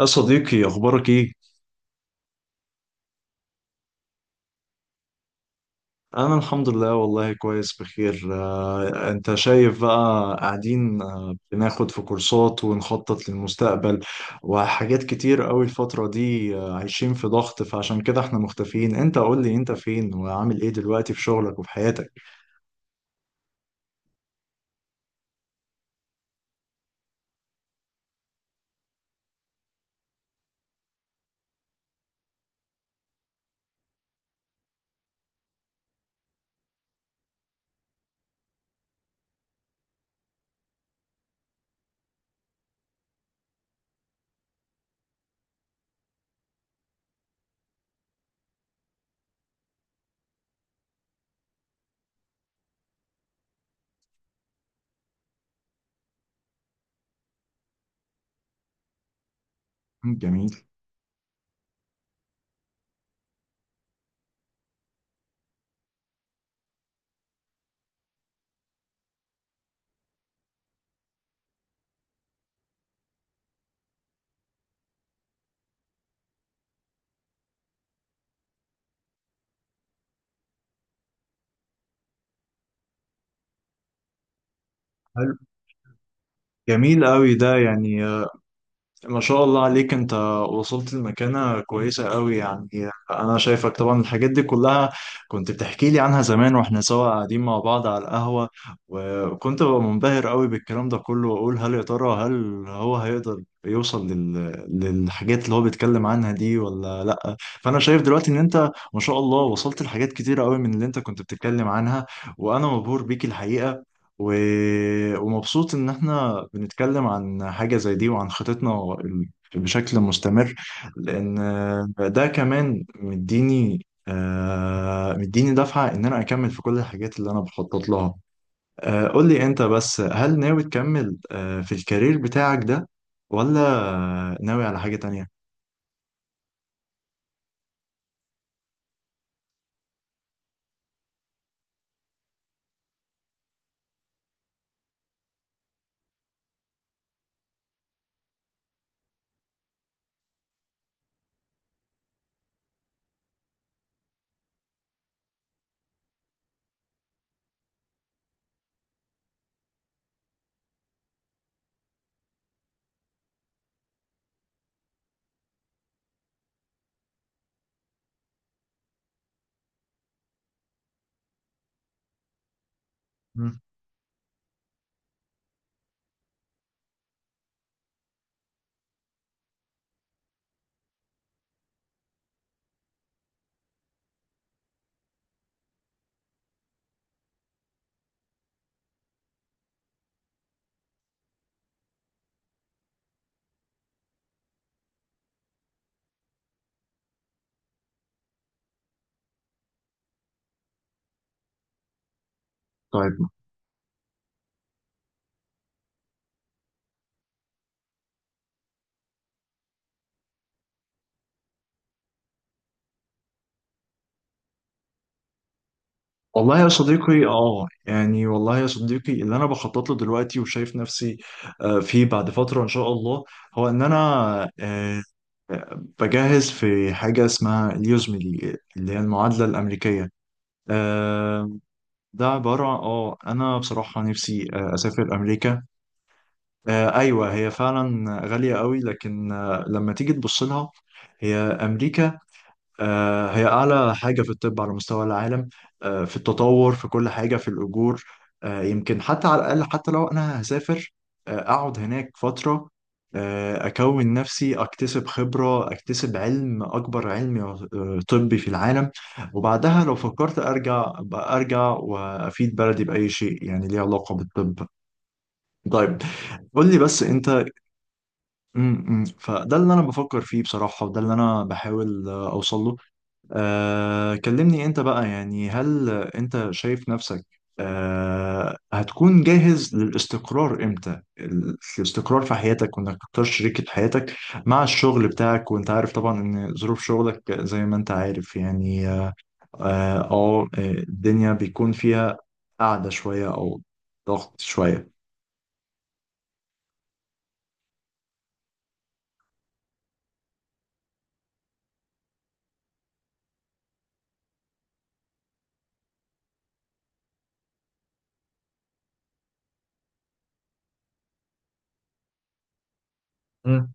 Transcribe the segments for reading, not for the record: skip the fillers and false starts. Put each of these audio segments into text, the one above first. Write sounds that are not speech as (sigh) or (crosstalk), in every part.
يا صديقي أخبارك إيه؟ أنا الحمد لله والله كويس بخير. أنت شايف بقى قاعدين بناخد في كورسات ونخطط للمستقبل وحاجات كتير أوي الفترة دي. عايشين في ضغط، فعشان كده إحنا مختفيين. أنت قول لي أنت فين وعامل إيه دلوقتي في شغلك وفي حياتك؟ جميل. حلو. جميل أوي ده، يعني ما شاء الله عليك، انت وصلت لمكانة كويسة قوي يعني. انا شايفك طبعا الحاجات دي كلها، كنت بتحكي لي عنها زمان واحنا سوا قاعدين مع بعض على القهوة، وكنت ببقى منبهر قوي بالكلام ده كله، واقول هل يا ترى هو هيقدر يوصل للحاجات اللي هو بيتكلم عنها دي ولا لا. فانا شايف دلوقتي ان انت ما شاء الله وصلت لحاجات كتيرة قوي من اللي انت كنت بتتكلم عنها، وانا مبهور بيك الحقيقة. و... ومبسوط إن إحنا بنتكلم عن حاجة زي دي وعن خطتنا بشكل مستمر، لأن ده كمان مديني دفعة إن أنا أكمل في كل الحاجات اللي أنا بخطط لها. قول لي أنت بس، هل ناوي تكمل في الكارير بتاعك ده ولا ناوي على حاجة تانية؟ مم. طيب. والله يا صديقي اللي انا بخطط له دلوقتي وشايف نفسي فيه بعد فترة ان شاء الله، هو ان انا آه، بجهز في حاجة اسمها اليوزملي، اللي هي المعادلة الأمريكية. آه، ده عبارة اه، انا بصراحة نفسي اسافر امريكا. ايوه هي فعلا غالية قوي، لكن لما تيجي تبص لها، هي امريكا هي أعلى حاجة في الطب على مستوى العالم. في التطور، في كل حاجة، في الأجور. يمكن حتى، على الأقل، حتى لو أنا هسافر أقعد هناك فترة، أكون نفسي أكتسب خبرة، أكتسب علم، أكبر علم طبي في العالم. وبعدها لو فكرت أرجع، أبقى أرجع وأفيد بلدي بأي شيء يعني ليه علاقة بالطب. طيب قول لي بس أنت، فده اللي أنا بفكر فيه بصراحة، وده اللي أنا بحاول أوصله. كلمني انت بقى، يعني هل انت شايف نفسك هتكون جاهز للاستقرار امتى؟ الاستقرار في حياتك وانك تختار شريكة حياتك مع الشغل بتاعك، وانت عارف طبعا ان ظروف شغلك زي ما انت عارف يعني اه، الدنيا بيكون فيها قعدة شوية او ضغط شوية. مم.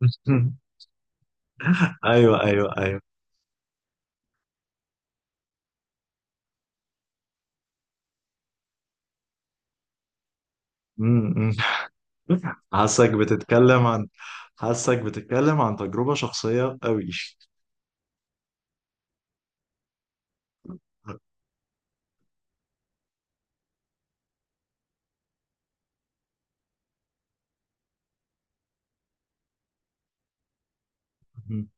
(laughs) ايوه، ايوه، ايوه. م- م. (laughs) حاسك بتتكلم عن حاسك بتتكلم عن تجربة شخصية قوي. مم.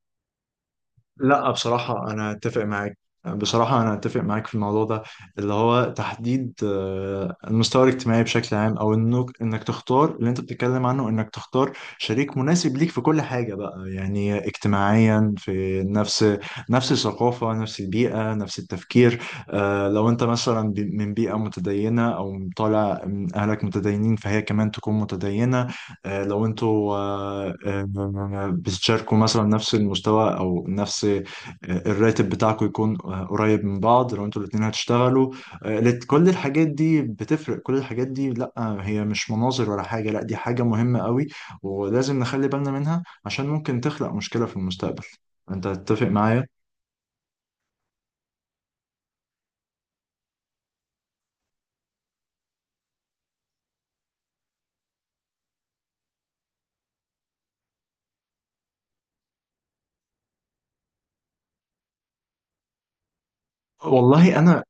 لا بصراحة أنا أتفق معاك، بصراحة أنا أتفق معاك في الموضوع ده، اللي هو تحديد المستوى الاجتماعي بشكل عام، أو إنك تختار اللي أنت بتتكلم عنه، إنك تختار شريك مناسب ليك في كل حاجة بقى، يعني اجتماعيا في نفس الثقافة، نفس البيئة، نفس التفكير. لو أنت مثلا من بيئة متدينة أو طالع من أهلك متدينين، فهي كمان تكون متدينة. لو انتوا بتشاركوا مثلا نفس المستوى او نفس الراتب بتاعكم يكون قريب من بعض لو انتوا الاتنين هتشتغلوا. كل الحاجات دي بتفرق، كل الحاجات دي لا، هي مش مناظر ولا حاجة، لا دي حاجة مهمة قوي، ولازم نخلي بالنا منها عشان ممكن تخلق مشكلة في المستقبل. انت تتفق معايا؟ والله انا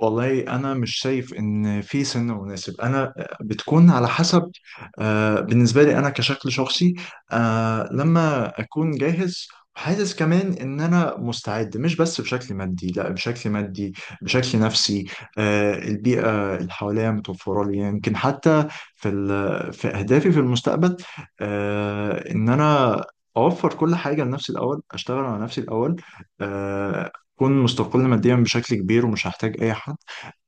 والله انا مش شايف ان في سن مناسب، انا بتكون على حسب. بالنسبه لي انا كشكل شخصي، لما اكون جاهز وحاسس كمان ان انا مستعد، مش بس بشكل مادي، لا بشكل مادي بشكل نفسي، البيئه اللي حواليا متوفره لي، يمكن حتى في في اهدافي في المستقبل. ان انا اوفر كل حاجه لنفسي الاول، اشتغل على نفسي الاول، اكون مستقل ماديا بشكل كبير، ومش هحتاج اي حد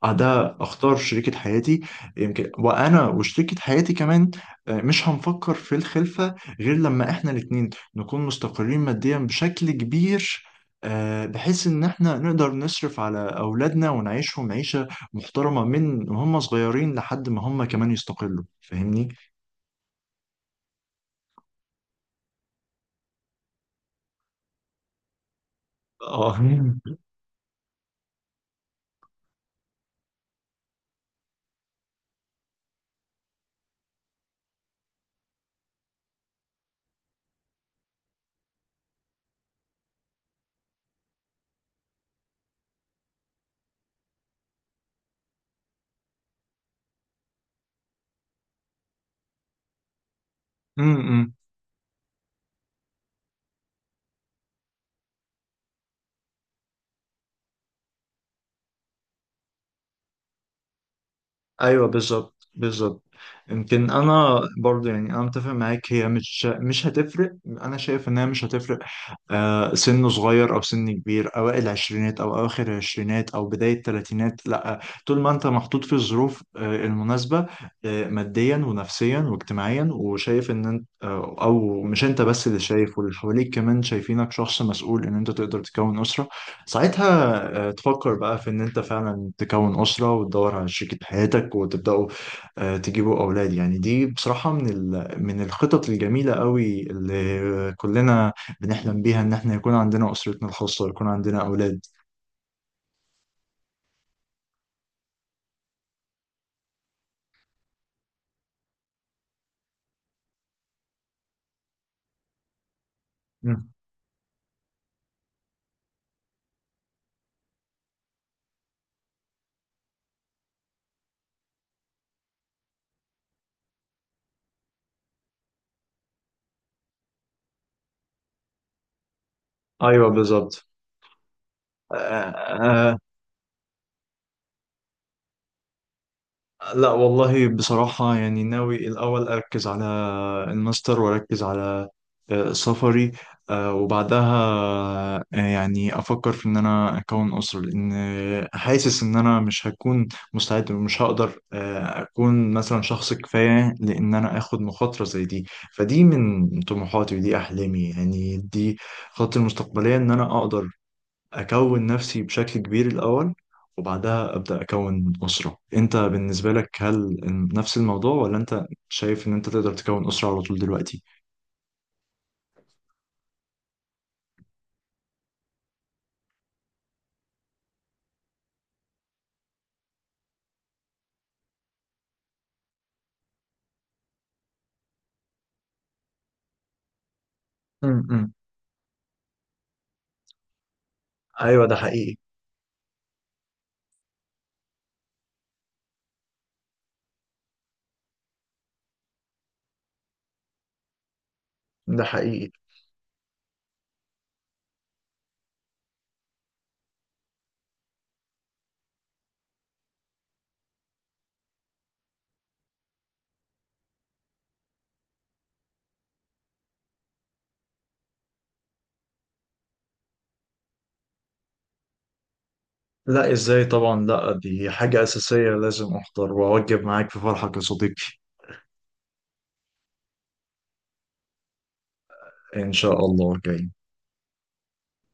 ده اختار شريكة حياتي. يمكن وانا وشريكة حياتي كمان مش هنفكر في الخلفة غير لما احنا الاتنين نكون مستقرين ماديا بشكل كبير، بحيث ان احنا نقدر نصرف على اولادنا ونعيشهم عيشة محترمة من هم صغيرين لحد ما هم كمان يستقلوا. فاهمني؟ اه. امم. ايوه، بالظبط بالظبط. يمكن انا برضه يعني انا متفق معاك، هي مش هتفرق، انا شايف انها مش هتفرق. سنه صغير او سن كبير، اوائل العشرينات او اواخر العشرينات او بدايه الثلاثينات، لا. طول ما انت محطوط في الظروف المناسبه، ماديا ونفسيا واجتماعيا، وشايف ان انت او مش انت بس اللي شايف، واللي حواليك كمان شايفينك شخص مسؤول ان انت تقدر تكون اسره، ساعتها تفكر بقى في ان انت فعلا تكون اسره، وتدور على شريكة حياتك، وتبداوا تجيبوا اولاد. يعني دي بصراحه من من الخطط الجميله قوي اللي كلنا بنحلم بيها، ان احنا يكون عندنا اسرتنا الخاصه ويكون عندنا اولاد. مم. ايوه بالظبط. آه آه. لا والله بصراحه يعني ناوي الاول اركز على الماستر، واركز على سفري، وبعدها يعني افكر في ان انا اكون اسره، لان حاسس ان انا مش هكون مستعد، ومش هقدر اكون مثلا شخص كفايه لان انا اخد مخاطره زي دي. فدي من طموحاتي ودي احلامي، يعني دي خطتي المستقبليه، ان انا اقدر أكون نفسي بشكل كبير الأول، وبعدها أبدأ أكون أسرة. أنت بالنسبة لك هل نفس الموضوع، ولا أنت شايف إن أنت تقدر تكون أسرة على طول دلوقتي؟ امم. ايوه ده حقيقي. ده حقيقي. لا ازاي طبعا، لا دي حاجة أساسية، لازم أحضر وأوجب معاك في فرحك يا صديقي. إن شاء الله جاي.